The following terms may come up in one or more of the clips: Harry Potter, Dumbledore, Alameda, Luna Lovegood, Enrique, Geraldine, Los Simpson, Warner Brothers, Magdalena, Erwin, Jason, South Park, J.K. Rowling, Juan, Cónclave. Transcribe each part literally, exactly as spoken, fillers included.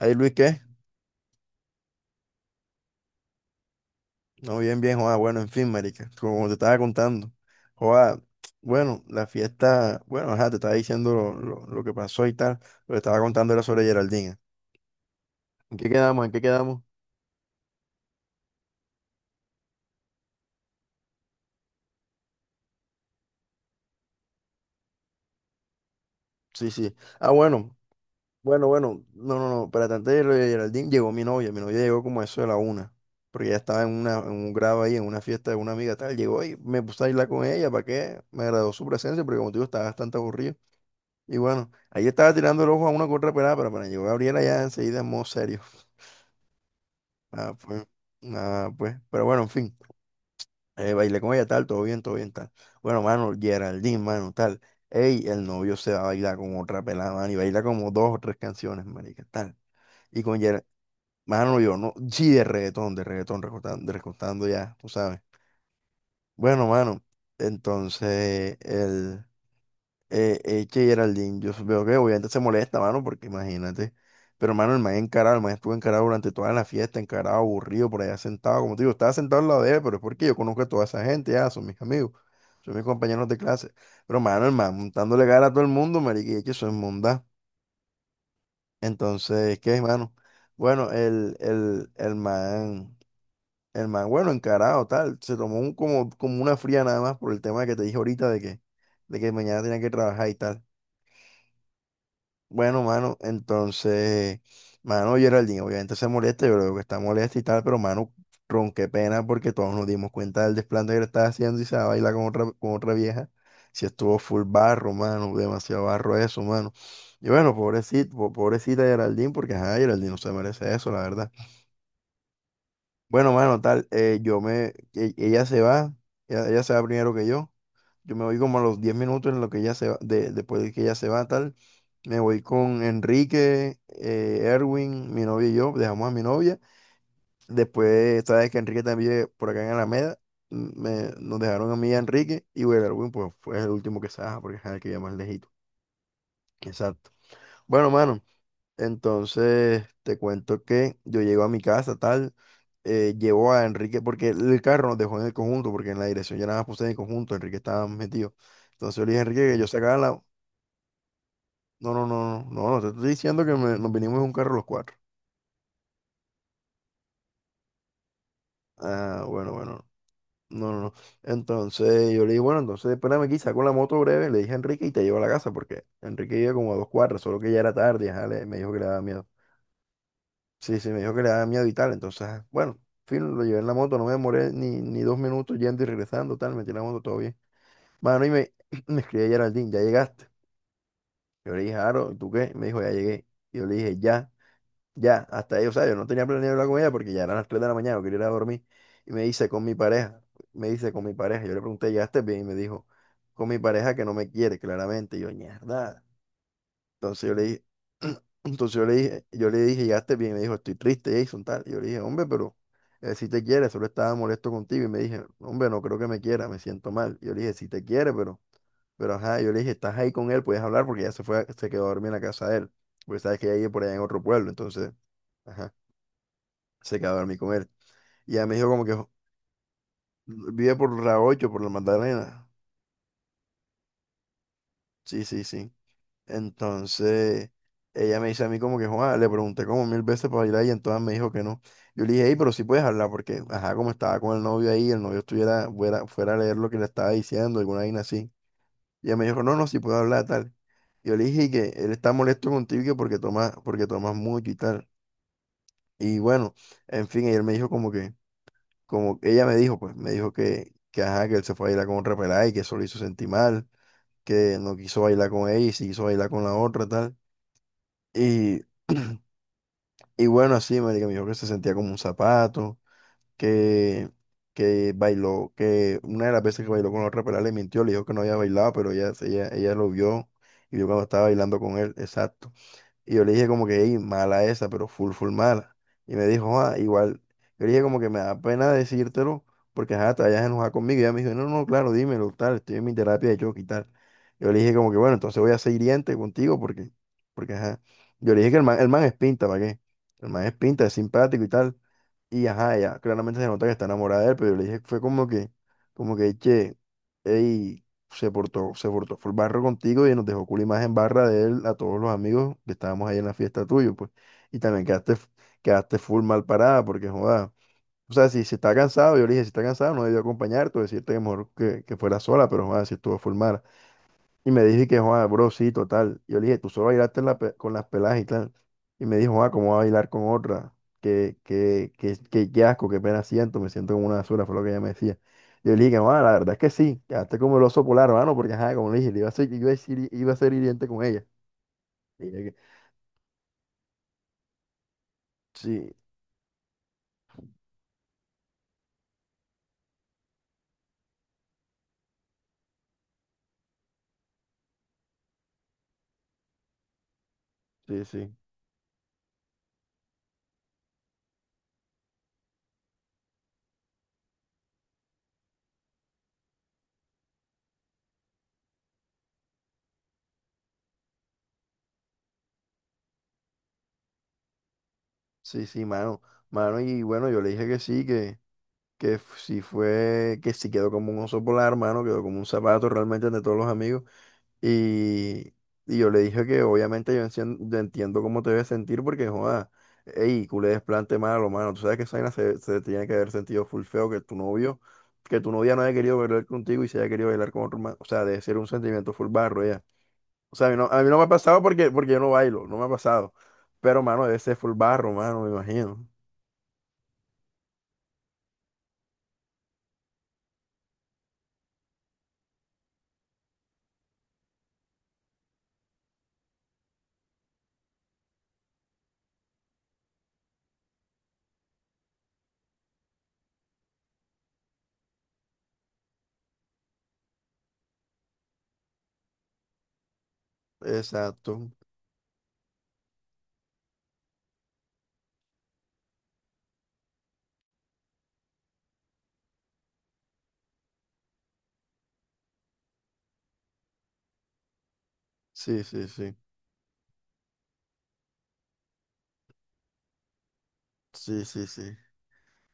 Ay, Luis, ¿qué? No, bien, bien, joda. Bueno, en fin, marica, como te estaba contando, joda, bueno, la fiesta, bueno, ajá, te estaba diciendo lo, lo- lo que pasó y tal, lo que estaba contando era sobre Geraldine. ¿En qué quedamos? ¿En qué quedamos? Sí, sí. Ah, bueno, bueno, bueno, no, no, no, para tanto de lo de Geraldine llegó mi novia, mi novia llegó como a eso de la una, porque ella estaba en, una, en un grado ahí, en una fiesta de una amiga tal, llegó y me puse a irla con ella, ¿para qué? Me agradó su presencia, porque como te digo, estaba bastante aburrido. Y bueno, ahí estaba tirando el ojo a una que otra pelada, pero para llegó Gabriela ya enseguida en modo serio. Ah pues, nada, pues. Pero bueno, en fin, eh, bailé con ella tal, todo bien, todo bien, tal. Bueno, mano, Geraldine, mano, tal. Ey, el novio se va a bailar con otra pelada, mano, y baila como dos o tres canciones, marica, tal. Y con Geraldine, mano, yo no, sí, de reggaetón, de reggaetón, recortando, recortando ya, tú sabes. Bueno, mano, entonces, el... eh, eh, que Geraldine, yo veo que obviamente se molesta, mano, porque imagínate. Pero, mano, el man encarado, el man estuvo encarado durante toda la fiesta, encarado, aburrido, por allá sentado. Como te digo, estaba sentado al lado de él, pero es porque yo conozco a toda esa gente, ya, son mis amigos, son mis compañeros de clase. Pero, mano, el man montándole cara a todo el mundo, marica, y es que eso es mundá. Entonces, ¿qué es, mano? Bueno, el, el, el man, el man, bueno, encarado, tal, se tomó un, como, como una fría nada más por el tema que te dije ahorita de que, de que mañana tenía que trabajar y tal. Bueno, mano, entonces, mano, Geraldine obviamente se molesta, yo creo que está molesta y tal, pero mano, ron, qué pena porque todos nos dimos cuenta del desplante que le estaba haciendo y se va a bailar con otra, con otra vieja. Si estuvo full barro, mano, demasiado barro eso, mano. Y bueno, pobrecito, po- pobrecita Geraldine, porque ajá, Geraldine no se merece eso, la verdad. Bueno, mano, tal, eh, yo me, e- ella se va, ella, ella se va primero que yo. Yo me voy como a los diez minutos en lo que ella se va, de, después de que ella se va, tal. Me voy con Enrique, eh, Erwin, mi novia y yo, dejamos a mi novia. Después, sabes que Enrique también vive por acá en Alameda, m- me, nos dejaron a mí y a Enrique, y bueno, Erwin pues fue el último que se baja porque es el que ya más lejito. Exacto. Bueno, mano, entonces, te cuento que yo llego a mi casa, tal, eh, llevo a Enrique, porque el carro nos dejó en el conjunto, porque en la dirección ya nada más puse en el conjunto, Enrique estaba metido. Entonces yo le dije a Enrique que yo sacara la... No, no, no, no, no, no, te estoy diciendo que me- nos vinimos en un carro los cuatro. Ah, bueno, bueno, no, no, no. Entonces yo le dije, bueno, entonces espérame aquí, saco la moto breve, le dije a Enrique y te llevo a la casa, porque Enrique iba como a dos cuadras, solo que ya era tarde, ajá, le- me dijo que le daba miedo. Sí, sí, me dijo que le daba miedo y tal. Entonces, ah, bueno, en fin, lo llevé en la moto, no me demoré ni, ni dos minutos yendo y regresando, tal, metí la moto, todo bien. Mano, y me, me escribía Geraldine, ¿ya llegaste? Yo le dije, Aro, ¿y tú qué? Me dijo, ya llegué. Y yo le dije, ya, ya, hasta ahí, o sea, yo no tenía planeado hablar con ella porque ya eran las tres de la mañana, yo quería ir a dormir. Y me dice, con mi pareja, me dice, con mi pareja. Yo le pregunté, ¿llegaste bien? Y me dijo, con mi pareja que no me quiere, claramente. Y yo, mierda. Entonces yo le dije, entonces yo le dije, yo le dije, llegaste bien, me dijo, estoy triste, Jason, tal. Yo le dije, hombre, pero si te quiere, solo estaba molesto contigo. Y me dije, hombre, no creo que me quiera, me siento mal. Yo le dije, si te quiere, pero, pero ajá, yo le dije, estás ahí con él, puedes hablar porque ya se fue, a- se quedó a dormir en la casa de él. Porque sabes que ella vive por allá en otro pueblo, entonces, ajá, se quedó a dormir con él. Y ella me dijo como que "Jo- vive por la ocho, por la Magdalena. Sí, sí, sí. Entonces, ella me dice a mí como que, Juan, le pregunté como mil veces para bailar y entonces me dijo que no. Yo le dije, hey, pero sí puedes hablar porque, ajá, como estaba con el novio ahí, el novio estuviera fuera, fuera, a leer lo que le estaba diciendo, alguna vaina así. Y ella me dijo, no, no, sí puedo hablar, tal. Yo le dije que él está molesto contigo que porque tomas, porque tomas mucho y tal. Y bueno, en fin, y él me dijo como que, como ella me dijo, pues, me dijo que, que ajá, que él se fue a bailar con otra pelada y que eso lo hizo sentir mal, que no quiso bailar con ella y sí quiso bailar con la otra, tal. Y, y bueno, así, marica, me dijo que se sentía como un zapato, que, que bailó, que una de las veces que bailó con la otra pelada le mintió, le dijo que no había bailado, pero ella, ella, ella lo vio y vio cuando estaba bailando con él, exacto. Y yo le dije como que, "Ey, mala esa, pero full, full mala. Y me dijo, ah, igual. Yo le dije como que me da pena decírtelo porque, ajá, te vayas a enojar conmigo. Y ella me dijo, no, no, claro, dímelo, tal, estoy en mi terapia de choque y tal. Yo le dije como que, bueno, entonces voy a ser hiriente contigo porque, porque, ajá. Yo le dije que el man, el man es pinta, ¿para qué? El man es pinta, es simpático y tal. Y ajá, ella claramente se nota que está enamorada de él, pero yo le dije, fue como que, como que, che, ey, se portó, se portó, fue el barro contigo y nos dejó cool imagen barra de él a todos los amigos que estábamos ahí en la fiesta tuyo, pues. Y también quedaste, f- quedaste full mal parada, porque joda. O sea, si, si está cansado, yo le dije, si está cansado, no debió acompañarte o decirte que mejor que, que fuera sola, pero joda, si estuvo full mal. Y me dije que, Juan, bro, sí, total. Yo le dije, tú solo bailaste la pe- con las peladas y tal. Y me dijo, Juan, ¿cómo va a bailar con otra? Qué, qué, qué, qué, qué asco, qué pena siento, me siento como una basura, fue lo que ella me decía. Yo le dije, Juan, la verdad es que sí, quedaste como el oso polar, hermano, porque, ajá, como le dije, le iba a ser, iba a ser, iba a ser hiriente con ella. Le dije que, sí, sí, sí, sí, sí, mano, mano, y bueno, yo le dije que sí, que, que f- sí fue, que sí quedó como un oso polar, mano, quedó como un zapato realmente de todos los amigos. Y, y yo le dije que obviamente yo, encien- yo entiendo cómo te debes sentir porque, joda, ey, culé desplante malo, mano. Tú sabes que esa vaina se, se tiene que haber sentido full feo que tu novio, que tu novia no haya querido bailar contigo y se haya querido bailar con otro man. O sea, debe ser un sentimiento full barro ya. O sea, a mí no, a mí no me ha pasado porque, porque yo no bailo, no me ha pasado. Pero, mano, debe ser full barro, mano, me imagino. Exacto. Sí, sí, sí. Sí, sí, sí.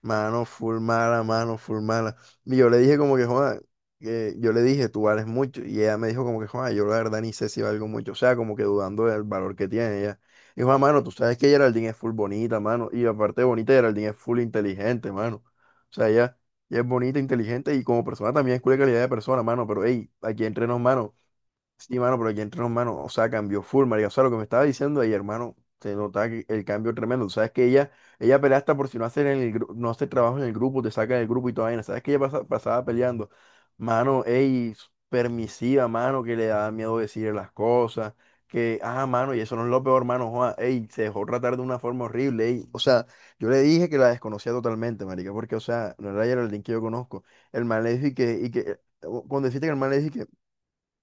Mano, full mala, mano, full mala. Y yo le dije como que, joda que yo le dije, tú vales mucho. Y ella me dijo como que, joda yo la verdad ni sé si valgo mucho. O sea, como que dudando del valor que tiene ella. Y Juan, mano, tú sabes que Geraldine es full bonita, mano. Y aparte de bonita, Geraldine es full inteligente, mano. O sea, ella, ella es bonita, inteligente y como persona también es cool de calidad de persona, mano. Pero, hey, aquí entre nos, mano. Sí, mano, pero aquí entre nos, mano, o sea, cambió full, marica. O sea, lo que me estaba diciendo ahí, hermano, se notaba que el cambio tremendo. Tú sabes que ella, ella pelea hasta por si no hace, en el, gru- no hace trabajo en el grupo, te saca del grupo y toda vaina. Sabes que ella pasa- pasaba peleando. Mano, ey, permisiva, mano, que le da miedo decir las cosas. Que, ah, mano, y eso no es lo peor, mano, joa, ey, se dejó tratar de una forma horrible, ey. O sea, yo le dije que la desconocía totalmente, marica, porque, o sea, no era Geraldine que yo conozco. El man le dijo y que, y que, eh, cuando deciste que el man le dijo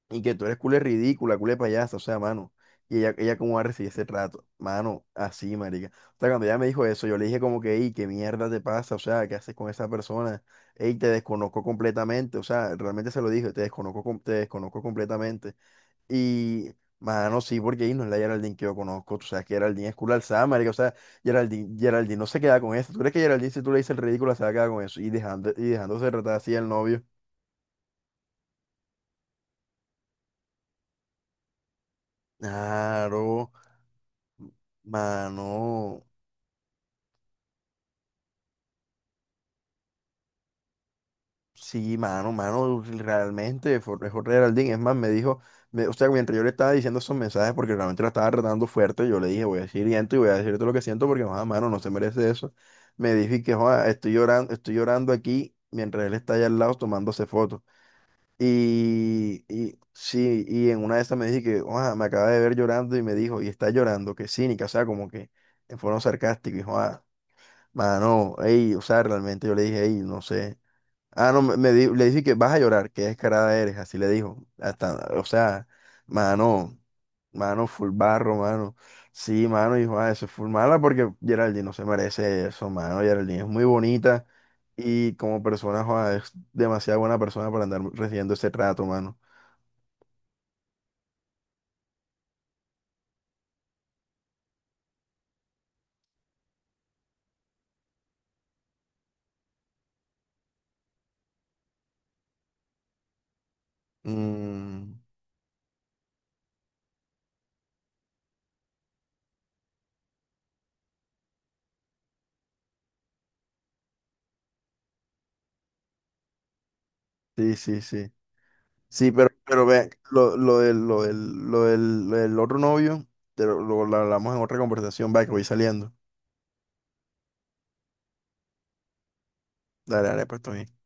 y que tú eres culé ridícula, culé payasa, o sea, mano. Y ella, ella cómo va a recibir ese trato. Mano, así, marica. O sea, cuando ella me dijo eso, yo le dije como que, ey, ¿qué mierda te pasa? O sea, ¿qué haces con esa persona? Ey, te desconozco completamente. O sea, realmente se lo dije, te desconozco, com- te desconozco completamente. Y, mano, sí, porque ahí no es la Geraldine que yo conozco. Tú sabes que Geraldine es culo alzada, marica. O sea, Geraldine, Geraldine no se queda con eso. ¿Tú crees que Geraldine, si tú le dices el ridículo, se va a quedar con eso? Y dejando, y dejándose tratar así al novio. Claro. Mano, sí, mano, mano, realmente fue fue Geraldine. Es más, me dijo, me- o sea, mientras yo le estaba diciendo esos mensajes, porque realmente la estaba tratando fuerte, yo le dije, voy a decir esto y voy a decirte lo que siento, porque, joda, mano, no se merece eso. Me dijo y que, joda, estoy llorando, estoy llorando aquí mientras él está allá al lado tomándose fotos. Y, y sí, y en una de esas me dije que, joda, me acaba de ver llorando y me dijo, y está llorando, que cínica, o sea, como que en forma sarcástica, y joda, mano, ey, o sea, realmente yo le dije, ey, no sé. Ah, no, me, me di- le dije que vas a llorar, que descarada eres, así le dijo. Hasta, o sea, mano, mano, full barro, mano. Sí, mano, dijo, ah, eso es full mala porque Geraldine no se merece eso, mano. Geraldine es muy bonita y como persona, joda, es demasiado buena persona para andar recibiendo ese trato, mano. Mm, sí, sí, sí. Sí, pero, pero ve, lo, lo del, lo del, lo del, lo del otro novio, te lo, lo- lo hablamos en otra conversación, va, que voy saliendo. Dale, dale, pues, todo bien.